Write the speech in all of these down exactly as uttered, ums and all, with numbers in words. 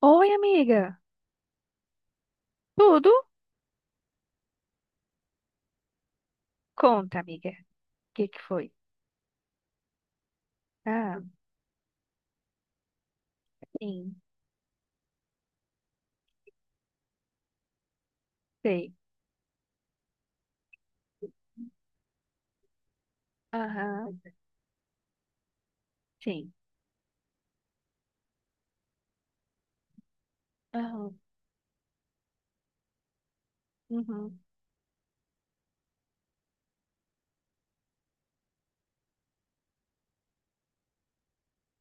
Oi, amiga. Tudo? Conta, amiga. O que que foi? Ah, sim, sei. Aham, sim. Aham, uhum,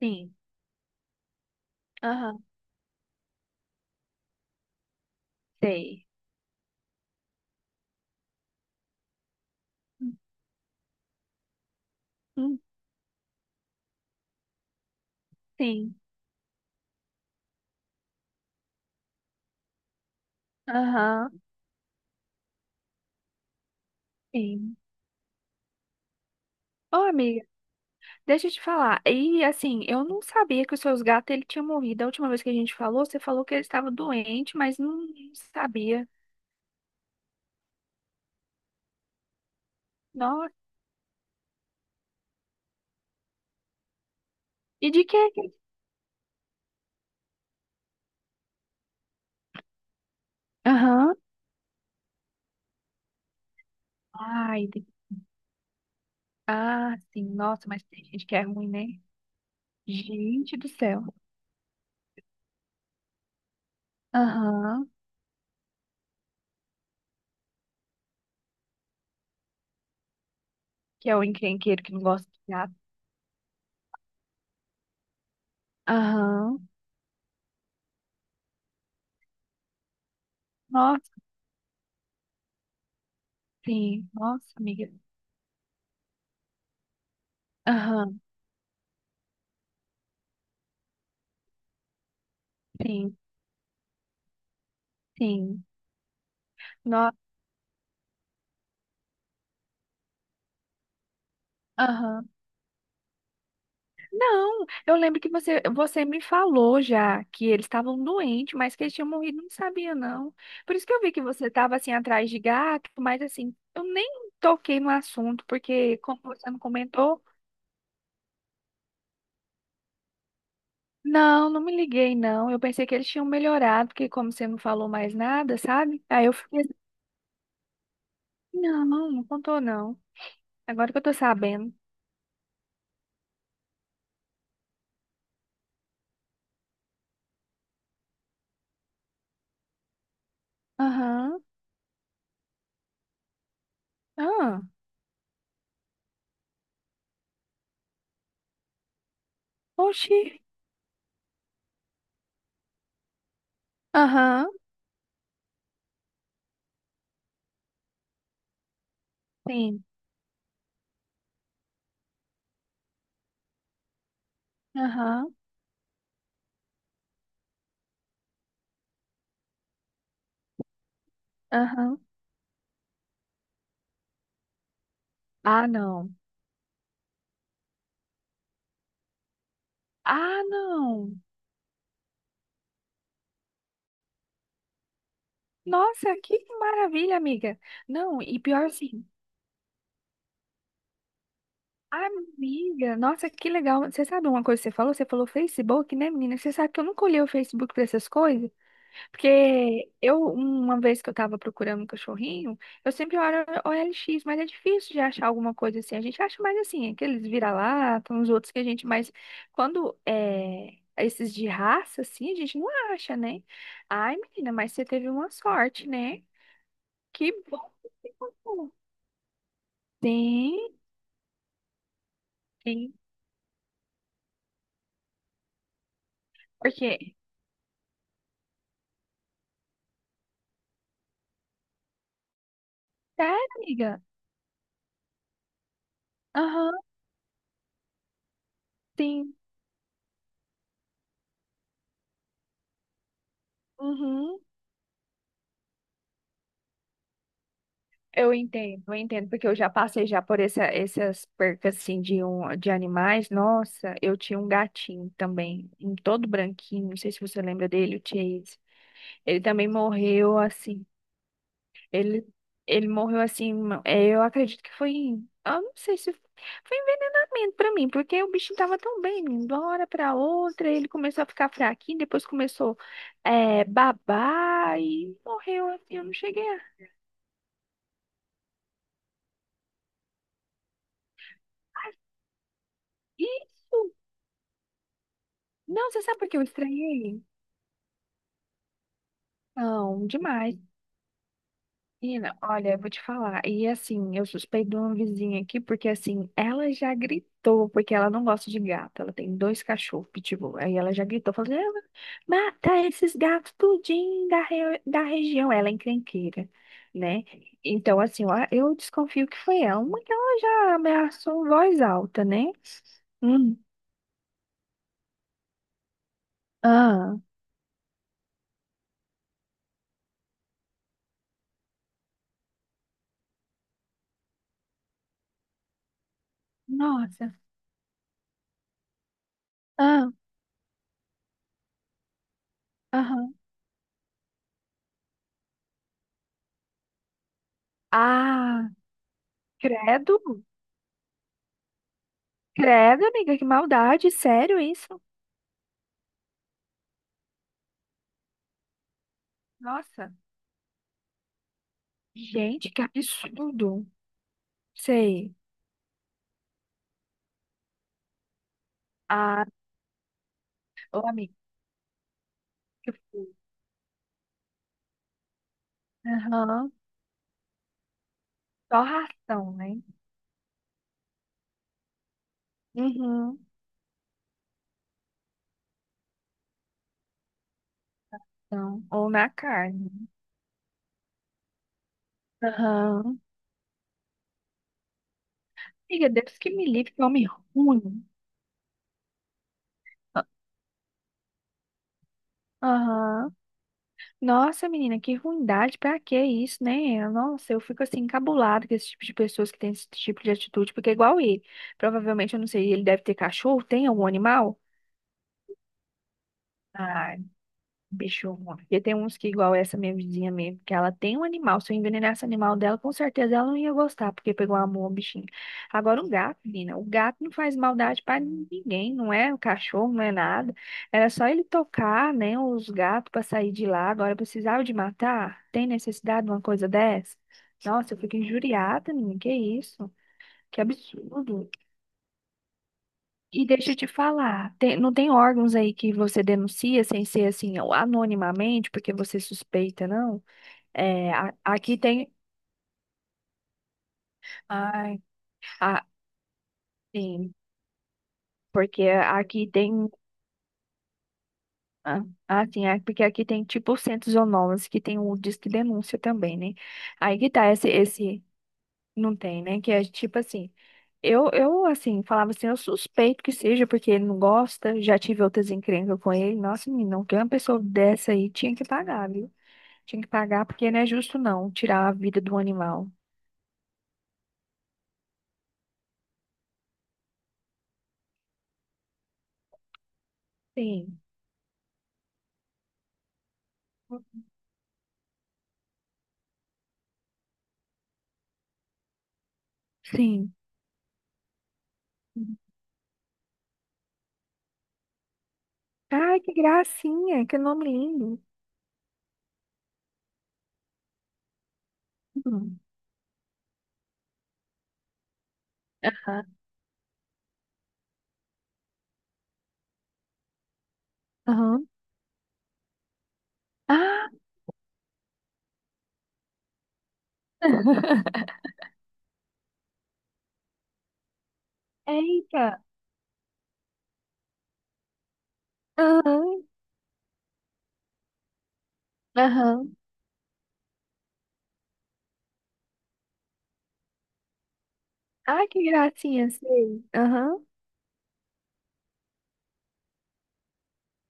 sim. Aham, sei. Uhum, sim. Aham, sim. Ô, amiga, deixa eu te falar. E assim, eu não sabia que os seus gatos ele tinha morrido. A última vez que a gente falou, você falou que eles estavam doentes, mas não sabia. Nossa. E de que? que- Aham. Ai, de- ah, sim. Nossa, mas tem gente que é ruim, né? Gente do céu. Aham. Que é o encrenqueiro que não gosta de gato. Aham. Nossa, sim. Nossa, amiga. Aham. Sim, sim. Nossa. Aham. Não, eu lembro que você, você me falou já que eles estavam doentes, mas que eles tinham morrido, não sabia, não. Por isso que eu vi que você estava assim atrás de gato, mas assim, eu nem toquei no assunto, porque como você não comentou, não, não me liguei, não. Eu pensei que eles tinham melhorado, porque como você não falou mais nada, sabe? Aí eu fiquei assim, não, não contou, não. Agora que eu tô sabendo. Aham. Ah, oxi. Aham. Sim. Aham. Aham. Ah, não. Ah, não. Nossa, que maravilha, amiga. Não, e pior assim, amiga, nossa, que legal. Você sabe uma coisa que você falou? Você falou Facebook, né, menina? Você sabe que eu nunca olhei o Facebook pra essas coisas? Porque eu, uma vez que eu tava procurando um cachorrinho, eu sempre olho o OLX, mas é difícil de achar alguma coisa assim. A gente acha mais assim, aqueles vira-lata, uns outros que a gente mais. Quando é esses de raça, assim, a gente não acha, né? Ai, menina, mas você teve uma sorte, né? Que bom que você encontrou. Sim, sim. Porque, sério, amiga? Aham, sim. Uhum. Eu entendo, eu entendo, porque eu já passei já por essa, essas percas assim de, um, de animais. Nossa, eu tinha um gatinho também, um todo branquinho, não sei se você lembra dele, o Chase. Ele também morreu assim. Ele, ele morreu assim, ma- é, eu acredito que foi, em- eu não sei se foi envenenamento pra mim, porque o bichinho tava tão bem, de uma hora pra outra, ele começou a ficar fraquinho, depois começou é, babar e morreu assim, eu não cheguei a. Isso! Não, você sabe por que eu estranhei? Não, demais. Menina, olha, eu vou te falar. E assim, eu suspeito de uma vizinha aqui, porque assim, ela já gritou, porque ela não gosta de gato. Ela tem dois cachorros, pitbull. Aí ela já gritou, falando, "Ah, mata esses gatos tudinho da, re- da região. Ela é encrenqueira, né? Então, assim, ó, eu desconfio que foi ela. Uma que ela já ameaçou em voz alta, né? Hum. Ah, nossa. Ah, aham. Ah, credo. Credo, amiga, que maldade, sério isso? Nossa, gente, que absurdo. Sei. Ah, ô, amiga, que fui. Aham, só ração, né? Uhum. Então, ou na carne. Aham. Amiga, Deus que me livre, que homem ruim. Ah, aham. Nossa, menina, que ruindade, pra que isso, né? Nossa, eu fico assim encabulada com esse tipo de pessoas que tem esse tipo de atitude, porque é igual ele. Provavelmente, eu não sei, ele deve ter cachorro, tem algum animal? Ah, bicho ruim. Porque tem uns que, igual essa minha vizinha mesmo, que ela tem um animal. Se eu envenenasse o animal dela, com certeza ela não ia gostar, porque pegou amor ao bichinho. Agora, um gato, menina, o gato não faz maldade pra ninguém, não é o cachorro, não é nada. Era só ele tocar, né, os gatos pra sair de lá. Agora, precisava de matar? Tem necessidade de uma coisa dessa? Nossa, eu fico injuriada, menina, que isso? Que absurdo. E deixa eu te falar, tem- não tem órgãos aí que você denuncia sem ser assim, anonimamente, porque você suspeita, não? É, a- aqui tem. Ai, ah, sim, porque aqui tem. Ah, ah, sim, é porque aqui tem tipo centros zonoses que tem o disque denúncia também, né? Aí que tá, esse, esse não tem, né? Que é tipo assim. Eu, eu, assim, falava assim, eu suspeito que seja, porque ele não gosta, já tive outras encrencas com ele. Nossa, menina, que uma pessoa dessa aí tinha que pagar, viu? Tinha que pagar porque não é justo não tirar a vida do animal. Sim. Sim. Ai, que gracinha, que nome lindo. Uhum. Aham. Aham. Ah, eita. Aham. Aham. Ai, que gracinha, sei. Aham.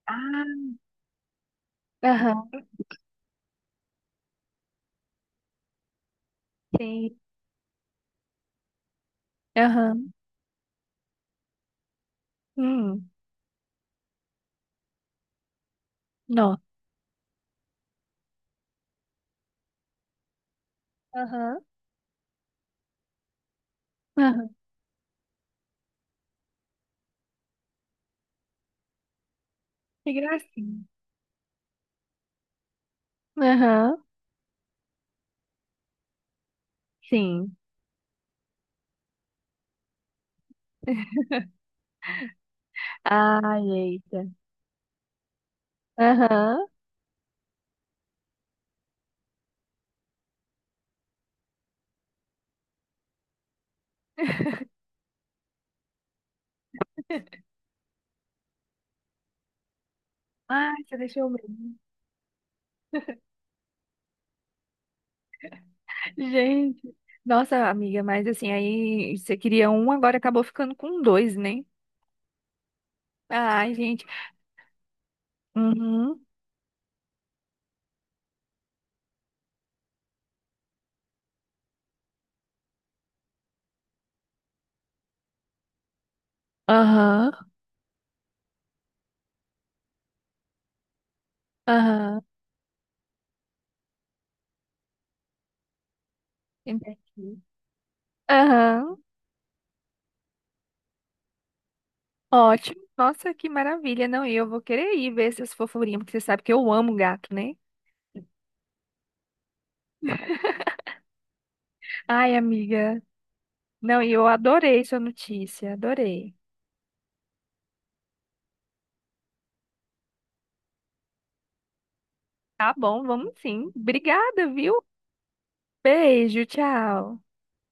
Ah, aham. Sim. Aham. Hum. Não. Aham. Aham. Que gracinha. Aham. Sim. Ai, eita. Aham. Ai, você deixou mesmo. Gente, nossa amiga, mas assim, aí você queria um, agora acabou ficando com dois, né? Ai, gente. Uhum. Aham. Aham. Entendi. Aham. Ótimo. Nossa, que maravilha. Não, e eu vou querer ir ver essas fofurinhas, porque você sabe que eu amo gato, né? Ai, amiga. Não, e eu adorei sua notícia, adorei. Tá bom, vamos sim. Obrigada, viu? Beijo, tchau.